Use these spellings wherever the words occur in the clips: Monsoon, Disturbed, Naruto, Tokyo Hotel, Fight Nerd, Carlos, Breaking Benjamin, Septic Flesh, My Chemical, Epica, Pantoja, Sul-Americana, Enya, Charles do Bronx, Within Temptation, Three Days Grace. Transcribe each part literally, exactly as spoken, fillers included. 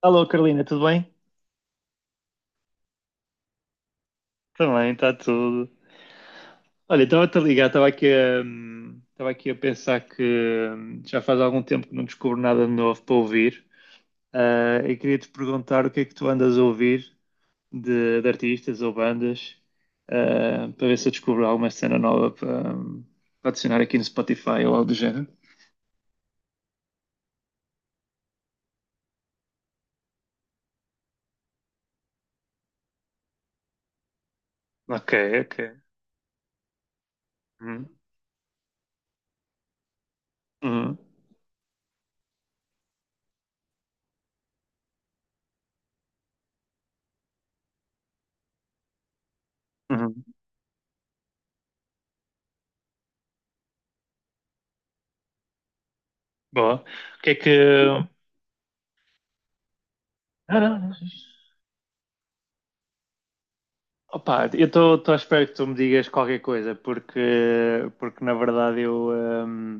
Alô, Carolina, tudo bem? Também está tudo. Olha, estava-te a ligar, estava aqui a, hum, estava aqui a pensar que hum, já faz algum tempo que não descubro nada de novo para ouvir. Ah, e queria-te perguntar o que é que tu andas a ouvir de, de artistas ou bandas, ah, para ver se eu descubro alguma cena nova para, hum, para adicionar aqui no Spotify ou algo do género. Ok, ok. Uhum, uhum, uhum. Boa. O que é que. Não, não, não. Opa, eu estou à espera que tu me digas qualquer coisa, porque, porque na verdade eu, hum,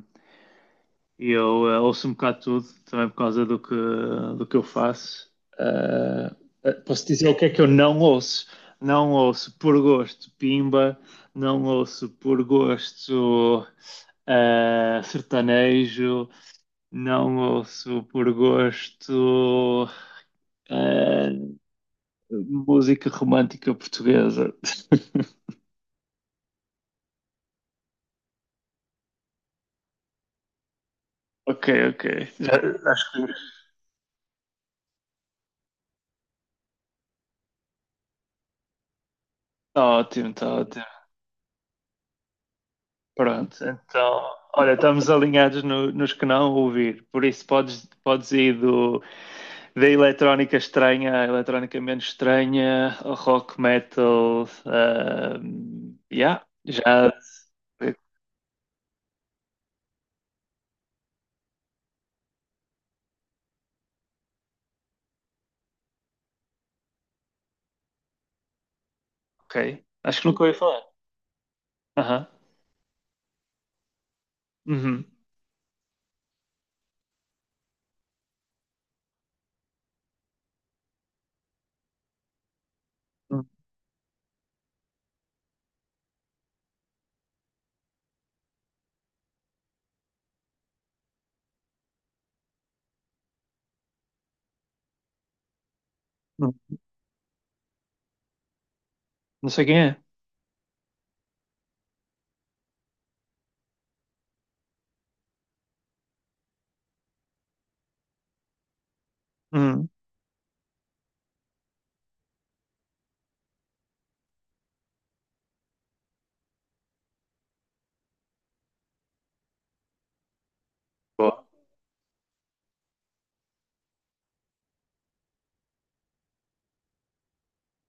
eu eh, ouço um bocado tudo, também por causa do que, do que eu faço. Ah, eh, posso dizer o que é que eu não ouço? Não ouço por gosto Pimba, não ouço por gosto ah, sertanejo, não ouço por gosto ah, música romântica portuguesa. Ok, ok. Está ótimo, está ótimo. Pronto, então, olha, estamos alinhados no- nos que não ouvir. Por isso, podes, podes ir do, da eletrónica estranha à eletrónica menos estranha, ao rock metal. ahm, yeah, já. Ok. Acho que nunca ouvi falar. Aham. Uhum. Uhum. Não sei quem é. Uhum. Boa,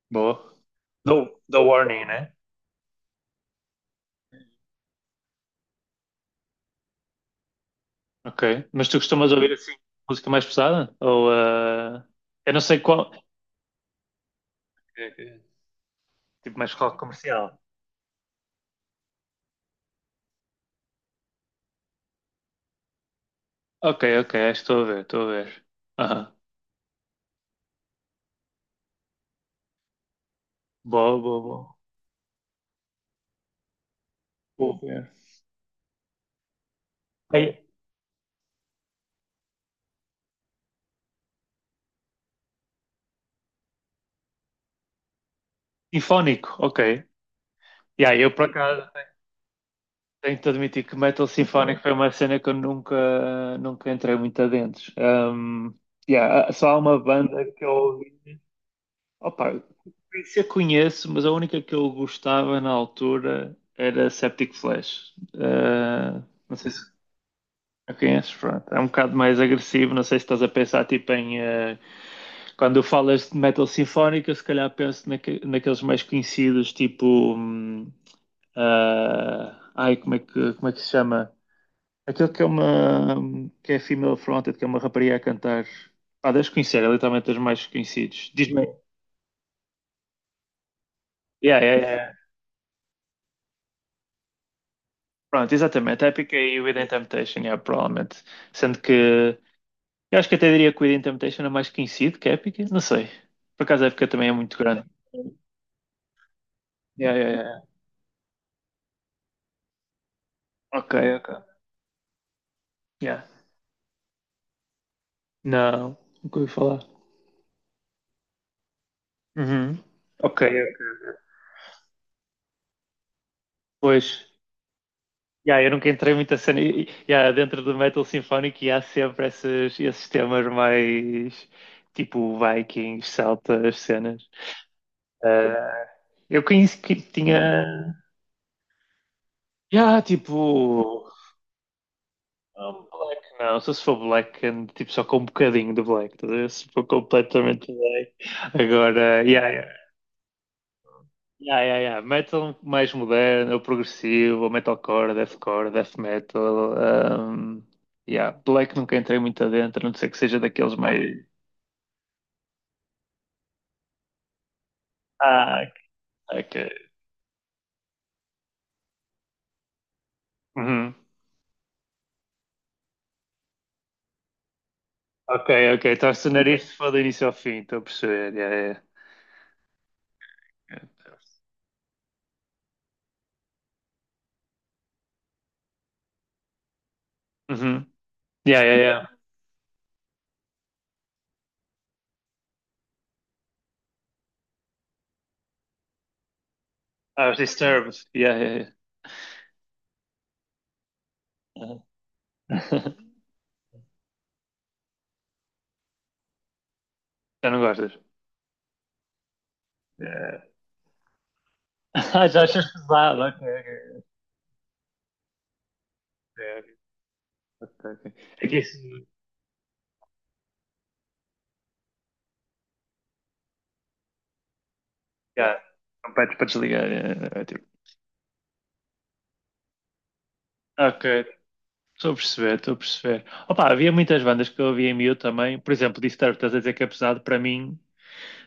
boa. Dou dou warning, né? Ok. Mas tu costumas ouvir assim música mais pesada? Ou, ah, eu não sei qual. Ok. Ok. Tipo mais rock comercial. Ok, ok, estou a ver, estou a ver. Aham. Boa, boa, boa. Vou ver. Aí, sinfónico, ok. E aí, eu por acaso tenho de admitir que metal sinfónico foi uma cena que eu nunca, nunca entrei muito adentro. Um, yeah, só há uma banda que eu ouvi. Opa, se eu conheço, mas a única que eu gostava na altura era Septic Flesh. Uh, não sei se conheces, pronto. É um bocado mais agressivo. Não sei se estás a pensar tipo em, eh, quando falas de metal sinfónica, se calhar penso naque- naqueles mais conhecidos, tipo. hum, ah, ai, como é que, como é que se chama? Aquele que é uma, que é female fronted, que é uma rapariga a cantar. Ah, deves conhecer, é literalmente dos mais conhecidos. Diz-me. Yeah, yeah, yeah. Pronto, exatamente. Epica e Within Temptation, yeah, provavelmente. Sendo que eu acho que até diria que o Within Temptation é mais conhecido que Epic, não sei. Por acaso a Epic também é muito grande. Yeah, yeah, yeah. Ok, ok. Yeah. Não, nunca ouvi falar. Uhum. Ok, ok. Pois, yeah, eu nunca entrei muito a cena. e- e- Yeah, dentro do metal sinfónico e há sempre esses, esses temas mais tipo Vikings, celtas, cenas. Ah, eu conheci que tinha. Yeah, tipo. Não, black não, só se for black, and, tipo, só com um bocadinho de black, estás a ver? Se for completamente black. Agora, yeah, yeah, yeah, yeah, yeah. Metal mais moderno, ou progressivo, ou metalcore, deathcore, death metal. Um, yeah. Black nunca entrei muito adentro, a não ser que seja daqueles mais. Ah, ok. Uhum. Ok, ok, estás a sonar isto foi do início ao fim, estou a perceber. Yeah, yeah. Yeah. Uhum. Yeah, yeah, yeah. Ah, os Disturbed. Yeah, yeah, yeah. Uhum. Já não gostas? Ah, já achas pesado, ok, ok, ok. Ok. É que isso. Já, não pede para desligar. é, é, é tipo, ok, estou a perceber, estou a perceber. Opa, havia muitas bandas que eu ouvia em miúdo também. Por exemplo, Disturbed, estás a dizer que é pesado. Para mim,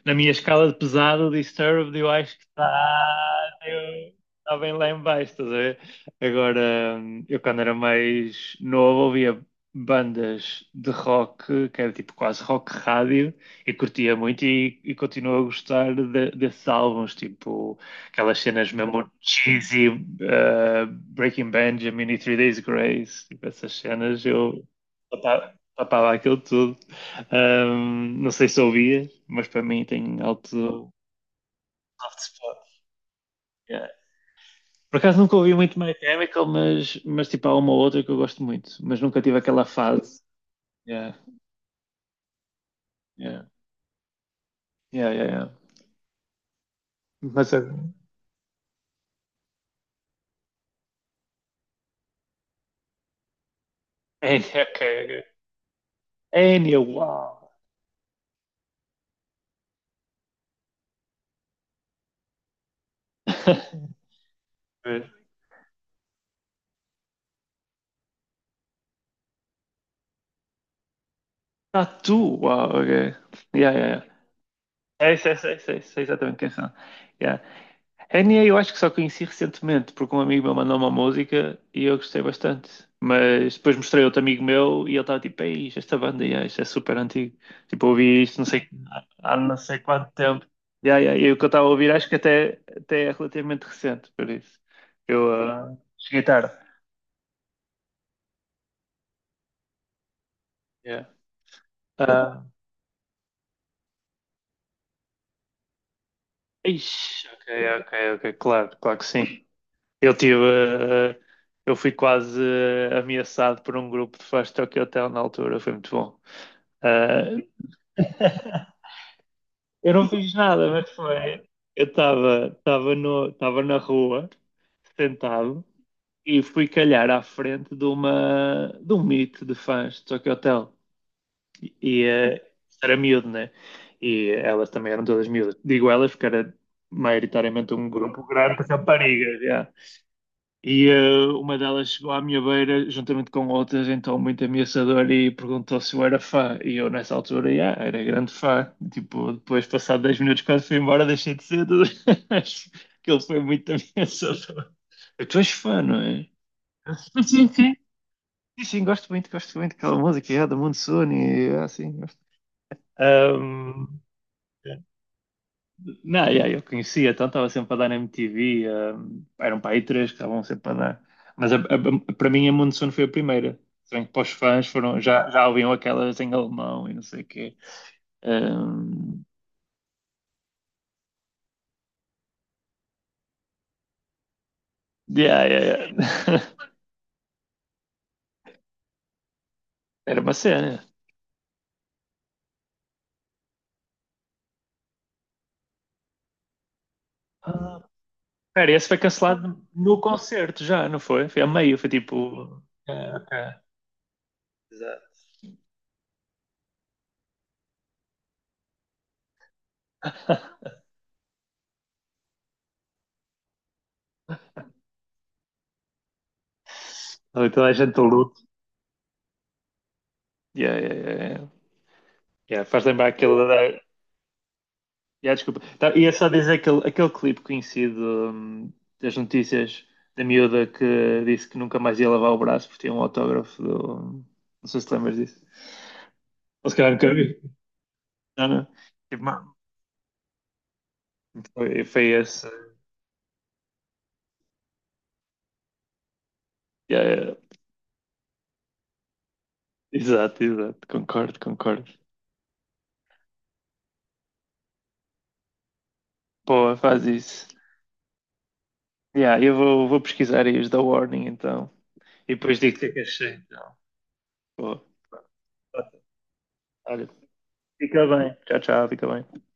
na minha escala de pesado, o Disturbed eu acho que está eu- está bem lá em baixo, estás a ver? Agora, eu quando era mais novo ouvia bandas de rock, que era tipo quase rock rádio, e curtia muito e, e continuo a gostar de- desses álbuns, tipo aquelas cenas mesmo cheesy, eh, Breaking Benjamin e Three Days Grace, tipo essas cenas, eu papava, papava aquilo tudo. Um, não sei se ouvias, mas para mim tem alto soft spot. Yeah. Por acaso nunca ouvi muito My Chemical, mas, mas tipo há uma ou outra que eu gosto muito, mas nunca tive aquela fase. Yeah, yeah, yeah, yeah. Yeah. Mas é. Enya, ok, ok. Enya, uau! Ah, tu, uau, ok. Yeah, yeah, yeah. É isso, é isso, é isso, é isso, é exatamente quem são. Yeah, N A eu acho que só conheci recentemente, porque um amigo meu mandou uma música e eu gostei bastante. Mas depois mostrei a outro amigo meu e ele estava tipo, ei, isto, é esta banda, yeah, isto é super antigo. Tipo, ouvi isto não sei, há há não sei quanto tempo. Yeah, yeah, e o que eu estava a ouvir acho que até, até é relativamente recente, por isso. Eu ah, cheguei tarde. Yeah. Ah, ixi, ok, ok, ok, claro, claro que sim. Eu tive, ah, eu fui quase ah, ameaçado por um grupo de fãs de Tokyo Hotel na altura, foi muito bom. Ah, eu não fiz nada, mas foi. Eu estava estava no estava na rua, sentado, e fui calhar à frente de uma de um meet de fãs de Tokyo Hotel. E, eh, era miúdo, né? E elas também eram todas miúdas. Digo elas porque era maioritariamente um grupo grande de raparigas. Já. E eh, uma delas chegou à minha beira, juntamente com outras, então muito ameaçadora, e perguntou se eu era fã. E eu, nessa altura, yeah, era grande fã. Tipo, depois, passado dez minutos, quando fui embora, deixei de ser. Tudo. Acho que ele foi muito ameaçador. Tu és fã, não é? Sim, sim. Sim, sim, sim, gosto muito, gosto muito daquela música, yeah, da Monsoon, e assim gosto. Ahm, Não, yeah, eu conhecia, então estava sempre a dar na M T V, eh, eram para aí três que estavam sempre a dar. Mas a- a- para mim a Monsoon foi a primeira. Se bem que para os fãs foram, já, já ouviam aquelas em alemão e não sei o quê. Um, yeah, yeah, yeah. Era uma cena. Ah, pera, esse foi cancelado no concerto já, não foi? Foi a meio, foi tipo. É, ok. Exato. Toda a gente luta luto. Yeah, yeah, yeah. Yeah. Yeah, faz lembrar aquele. Yeah, desculpa. Tá, ia só dizer aquele, aquele, clipe conhecido hum, das notícias da miúda que disse que nunca mais ia lavar o braço porque tinha um autógrafo do. Não sei se te lembras disso. Ou se calhar nunca vi. Não, não. Tipo, mano, Foi, foi esse. Yeah, yeah. Exato, exato. Concordo, concordo. Pô, faz isso. Yeah, eu vou, vou pesquisar aí os da Warning então. E depois digo o que é que achei. Então. Pô, olha, fica bem. Tchau, tchau, fica bem.